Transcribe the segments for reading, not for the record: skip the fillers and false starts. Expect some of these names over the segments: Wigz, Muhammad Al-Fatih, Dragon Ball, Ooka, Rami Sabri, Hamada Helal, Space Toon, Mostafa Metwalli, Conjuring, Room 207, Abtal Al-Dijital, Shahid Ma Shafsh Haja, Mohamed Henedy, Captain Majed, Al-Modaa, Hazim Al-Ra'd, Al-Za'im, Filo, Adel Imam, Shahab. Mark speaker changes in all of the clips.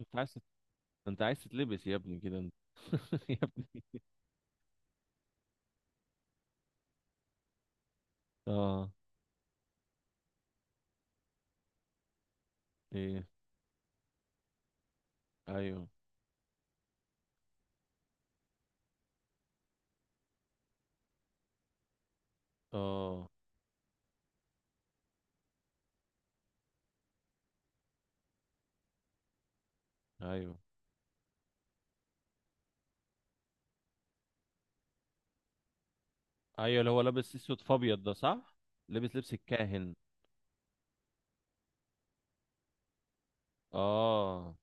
Speaker 1: انت عايز تت- انت عايز تتلبس يا ابني كده انت يا ابني. اه. ايه. ايوه. اه. ايوه، ايوه اللي هو لابس اسود فابيض ده، صح؟ لابس لبس الكاهن. اه.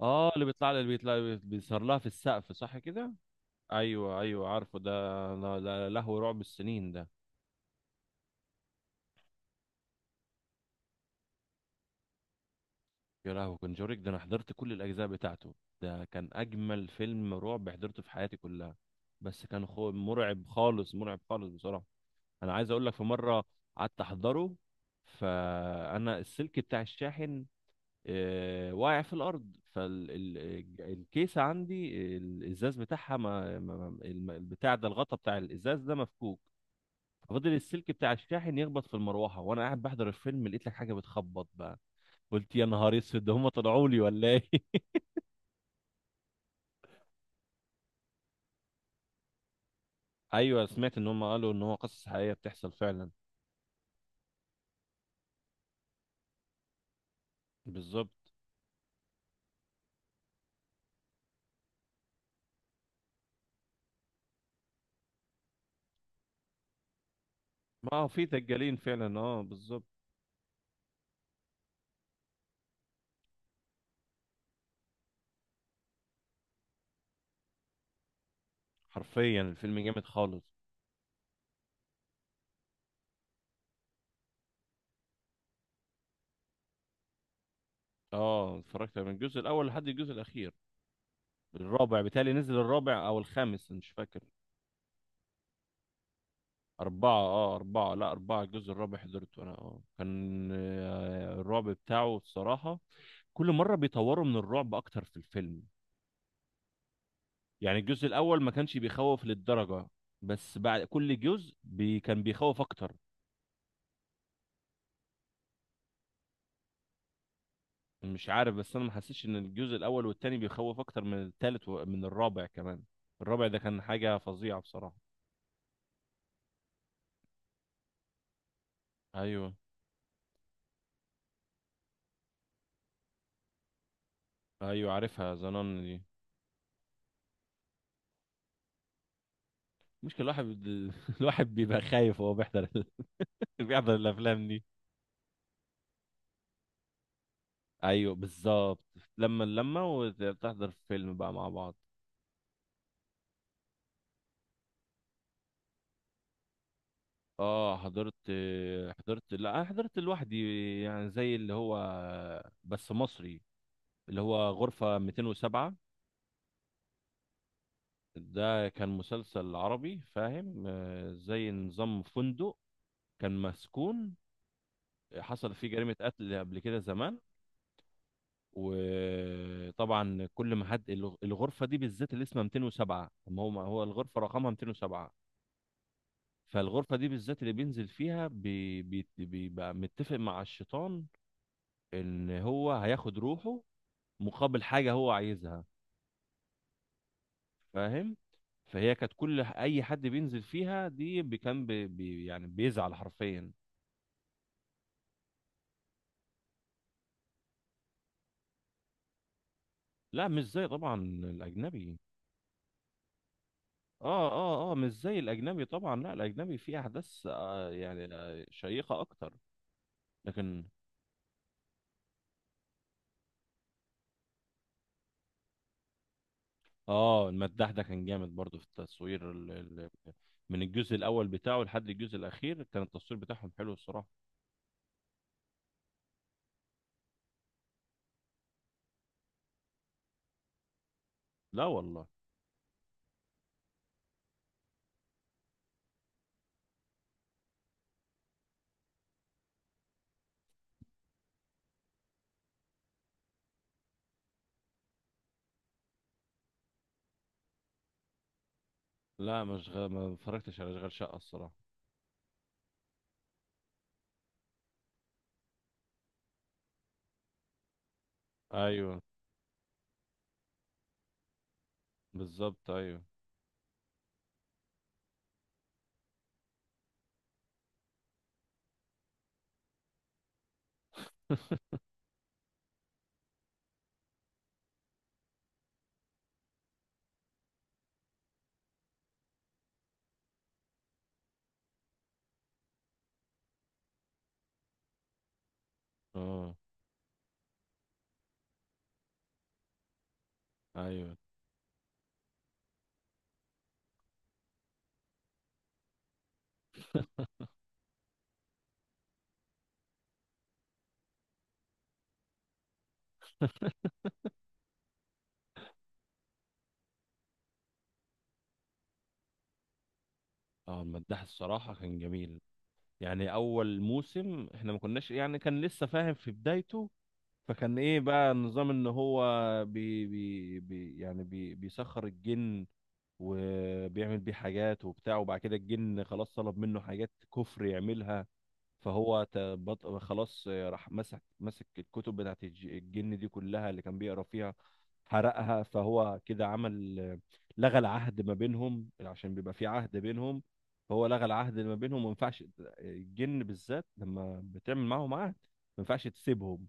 Speaker 1: اه اللي بيطلع، اللي بيطلع بيصار لها في السقف، صح كده؟ ايوه ايوه عارفه ده. لهو رعب السنين ده. يا لهوي كونجوريك ده انا حضرت كل الاجزاء بتاعته. ده كان اجمل فيلم رعب حضرته في حياتي كلها. بس كان مرعب خالص، مرعب خالص بصراحة. انا عايز اقول لك في مره قعدت احضره، فانا السلك بتاع الشاحن واقع في الارض، فالكيسه عندي الازاز بتاعها البتاع ده الغطا بتاع الازاز ده مفكوك. ففضل السلك بتاع الشاحن يخبط في المروحه وانا قاعد بحضر الفيلم، لقيت لك حاجه بتخبط بقى. قلت يا نهار اسود ده هم طلعوا لي ولا ايه؟ ايوه سمعت ان هم قالوا ان هو قصص حقيقيه بتحصل فعلا. بالظبط. ما هو في دجالين فعلا، اه بالظبط. حرفيا الفيلم جامد خالص. اه اتفرجت من الجزء الاول لحد الجزء الاخير. الرابع، بتالي نزل الرابع او الخامس مش فاكر. أربعة، اه أربعة، لا أربعة. الجزء الرابع حضرته أنا، اه كان الرعب بتاعه الصراحة. كل مرة بيطوروا من الرعب أكتر في الفيلم. يعني الجزء الأول ما كانش بيخوف للدرجة، بس بعد كل جزء كان بيخوف أكتر. مش عارف بس أنا ما حسيتش إن الجزء الأول والتاني بيخوف أكتر من التالت ومن الرابع كمان. الرابع ده كان حاجة فظيعة بصراحة. أيوه. ايوه عارفها زنان دي. مشكلة الواحد بيبقى خايف وهو بيحضر بيحضر الافلام دي. ايوه بالظبط، لما اللمه وتحضر فيلم بقى مع بعض. اه حضرت، حضرت، لا انا حضرت لوحدي. يعني زي اللي هو بس مصري، اللي هو غرفة 207. ده كان مسلسل عربي، فاهم؟ زي نظام فندق، كان مسكون، حصل فيه جريمة قتل قبل كده زمان. وطبعا كل ما حد الغرفه دي بالذات اللي اسمها 207، ما هو ما هو الغرفه رقمها 207. فالغرفه دي بالذات اللي بينزل فيها بيبقى متفق مع الشيطان ان هو هياخد روحه مقابل حاجه هو عايزها. فاهم؟ فهي كانت كل اي حد بينزل فيها دي يعني بيزعل حرفيا. لا مش زي طبعا الاجنبي. اه اه اه، مش زي الاجنبي طبعا، لا الاجنبي فيه احداث آه يعني آه شيقه اكتر. لكن اه المداح ده كان جامد برضه في التصوير من الجزء الاول بتاعه لحد الجزء الاخير كان التصوير بتاعهم حلو الصراحه. لا والله. لا مش غ... ما اتفرجتش على اشغال شقه الصراحه. ايوه. بالظبط ايوه. اه. ايوه. اه المداح الصراحه كان جميل. يعني اول موسم احنا ما كناش يعني كان لسه فاهم في بدايته. فكان ايه بقى النظام؟ ان هو بي بي بي يعني بي بيسخر الجن، وبيعمل بيه حاجات وبتاع، وبعد كده الجن خلاص طلب منه حاجات كفر يعملها. فهو خلاص راح مسك الكتب بتاعت الجن دي كلها اللي كان بيقرا فيها، حرقها. فهو كده عمل، لغى العهد ما بينهم، عشان بيبقى في عهد بينهم. فهو لغى العهد اللي ما بينهم، وما ينفعش الجن بالذات لما بتعمل معاهم عهد ما ينفعش تسيبهم،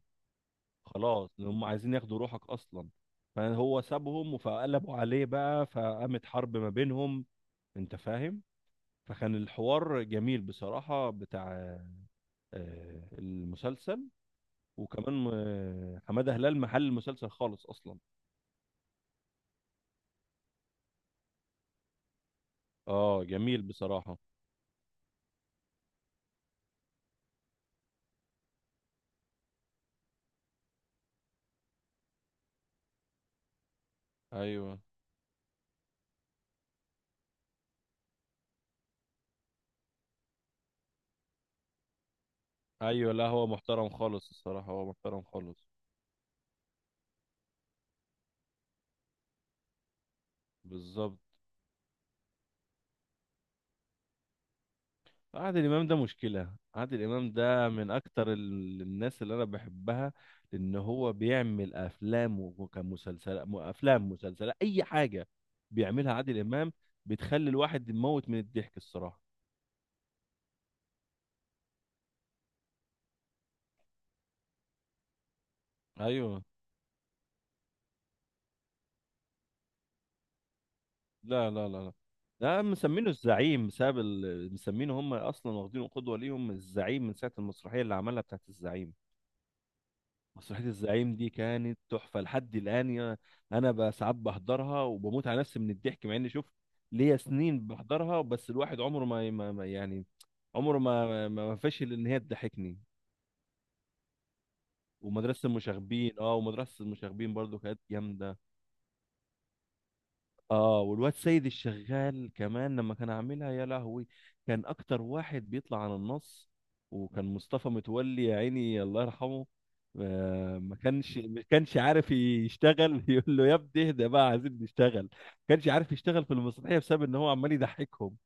Speaker 1: خلاص إن هم عايزين ياخدوا روحك اصلا. فهو سابهم فقلبوا عليه بقى، فقامت حرب ما بينهم، انت فاهم؟ فكان الحوار جميل بصراحة بتاع المسلسل. وكمان حمادة هلال محل المسلسل خالص اصلا. اه جميل بصراحة. ايوه. ايوه لا هو محترم خالص الصراحة، هو محترم خالص. بالظبط. عادل امام ده، مشكله عادل امام ده من اكتر الناس اللي انا بحبها. لان هو بيعمل افلام وكمسلسلات، افلام مسلسلات اي حاجه بيعملها عادل امام بتخلي الواحد يموت من الضحك الصراحه. ايوه. لا لا لا لا. ده مسمينه الزعيم بسبب مسمينه هم اصلا واخدينه قدوه ليهم الزعيم من ساعه المسرحيه اللي عملها بتاعت الزعيم. مسرحية الزعيم دي كانت تحفة لحد الآن، أنا بقى ساعات بحضرها وبموت على نفسي من الضحك، مع إني شوف ليا سنين بحضرها، بس الواحد عمره يعني عمره ما ما ما فشل إن هي تضحكني. ومدرسة المشاغبين، أه ومدرسة المشاغبين برضو كانت جامدة. اه والواد سيد الشغال كمان لما كان عاملها، يا لهوي، كان اكتر واحد بيطلع عن النص. وكان مصطفى متولي يا عيني الله يرحمه ما كانش عارف يشتغل. يقول له يا ابني اهدى بقى عايزين نشتغل. ما كانش عارف يشتغل في المسرحيه بسبب ان هو عمال يضحكهم.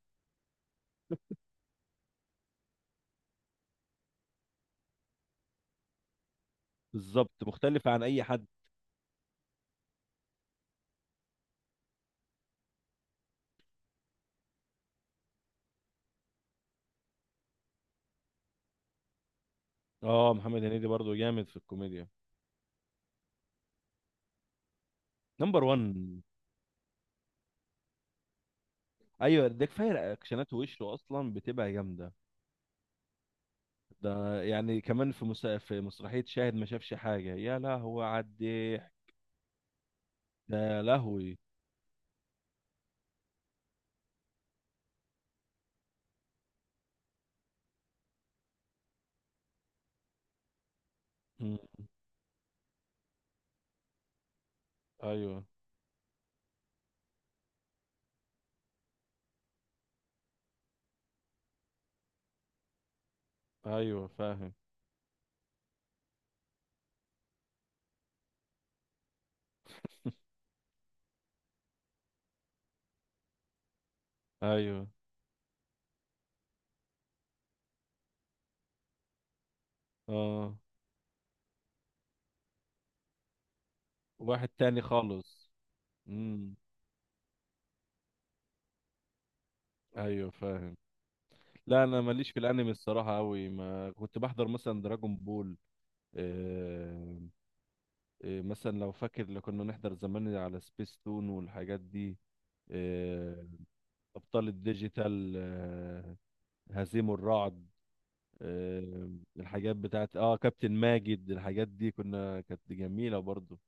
Speaker 1: بالظبط، مختلف عن اي حد. اه محمد هنيدي برضه جامد في الكوميديا. نمبر 1. ايوه ده كفايه رياكشنات وشه اصلا بتبقى جامده. ده يعني كمان في في مسرحية شاهد ما شافش حاجة، يا لهوي على الضحك. ده يا لهوي. مم. ايوه. ايوه فاهم. ايوه. اه واحد تاني خالص. امم. ايوه فاهم. لا انا ماليش في الانمي الصراحة قوي، ما كنت بحضر مثلا دراجون بول. آه... مثلا لو فاكر لو كنا نحضر زمان على سبيس تون والحاجات دي. آه... ابطال الديجيتال. هزيم الرعد. آه، الحاجات بتاعت اه كابتن ماجد، الحاجات دي كنا كانت جميلة برضو.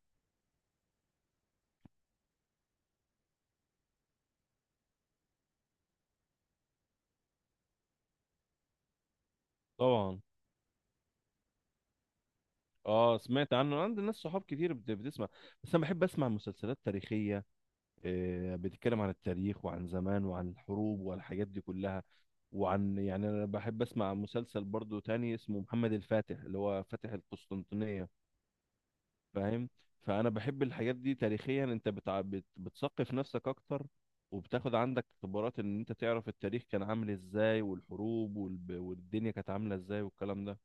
Speaker 1: طبعا. اه سمعت عنه، عندي ناس صحاب كتير بتسمع. بس انا بحب اسمع مسلسلات تاريخية، بتتكلم عن التاريخ وعن زمان وعن الحروب والحاجات دي كلها. وعن يعني انا بحب اسمع مسلسل برضو تاني اسمه محمد الفاتح اللي هو فاتح القسطنطينية، فاهم؟ فانا بحب الحاجات دي تاريخيا، انت بتثقف نفسك اكتر، وبتاخد عندك خبرات ان انت تعرف التاريخ كان عامل ازاي والحروب والدنيا كانت عامله ازاي والكلام ده.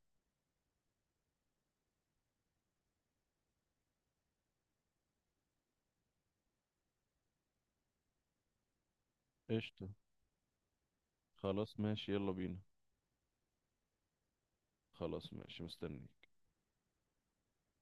Speaker 1: قشطه، خلاص ماشي يلا بينا. خلاص ماشي مستني.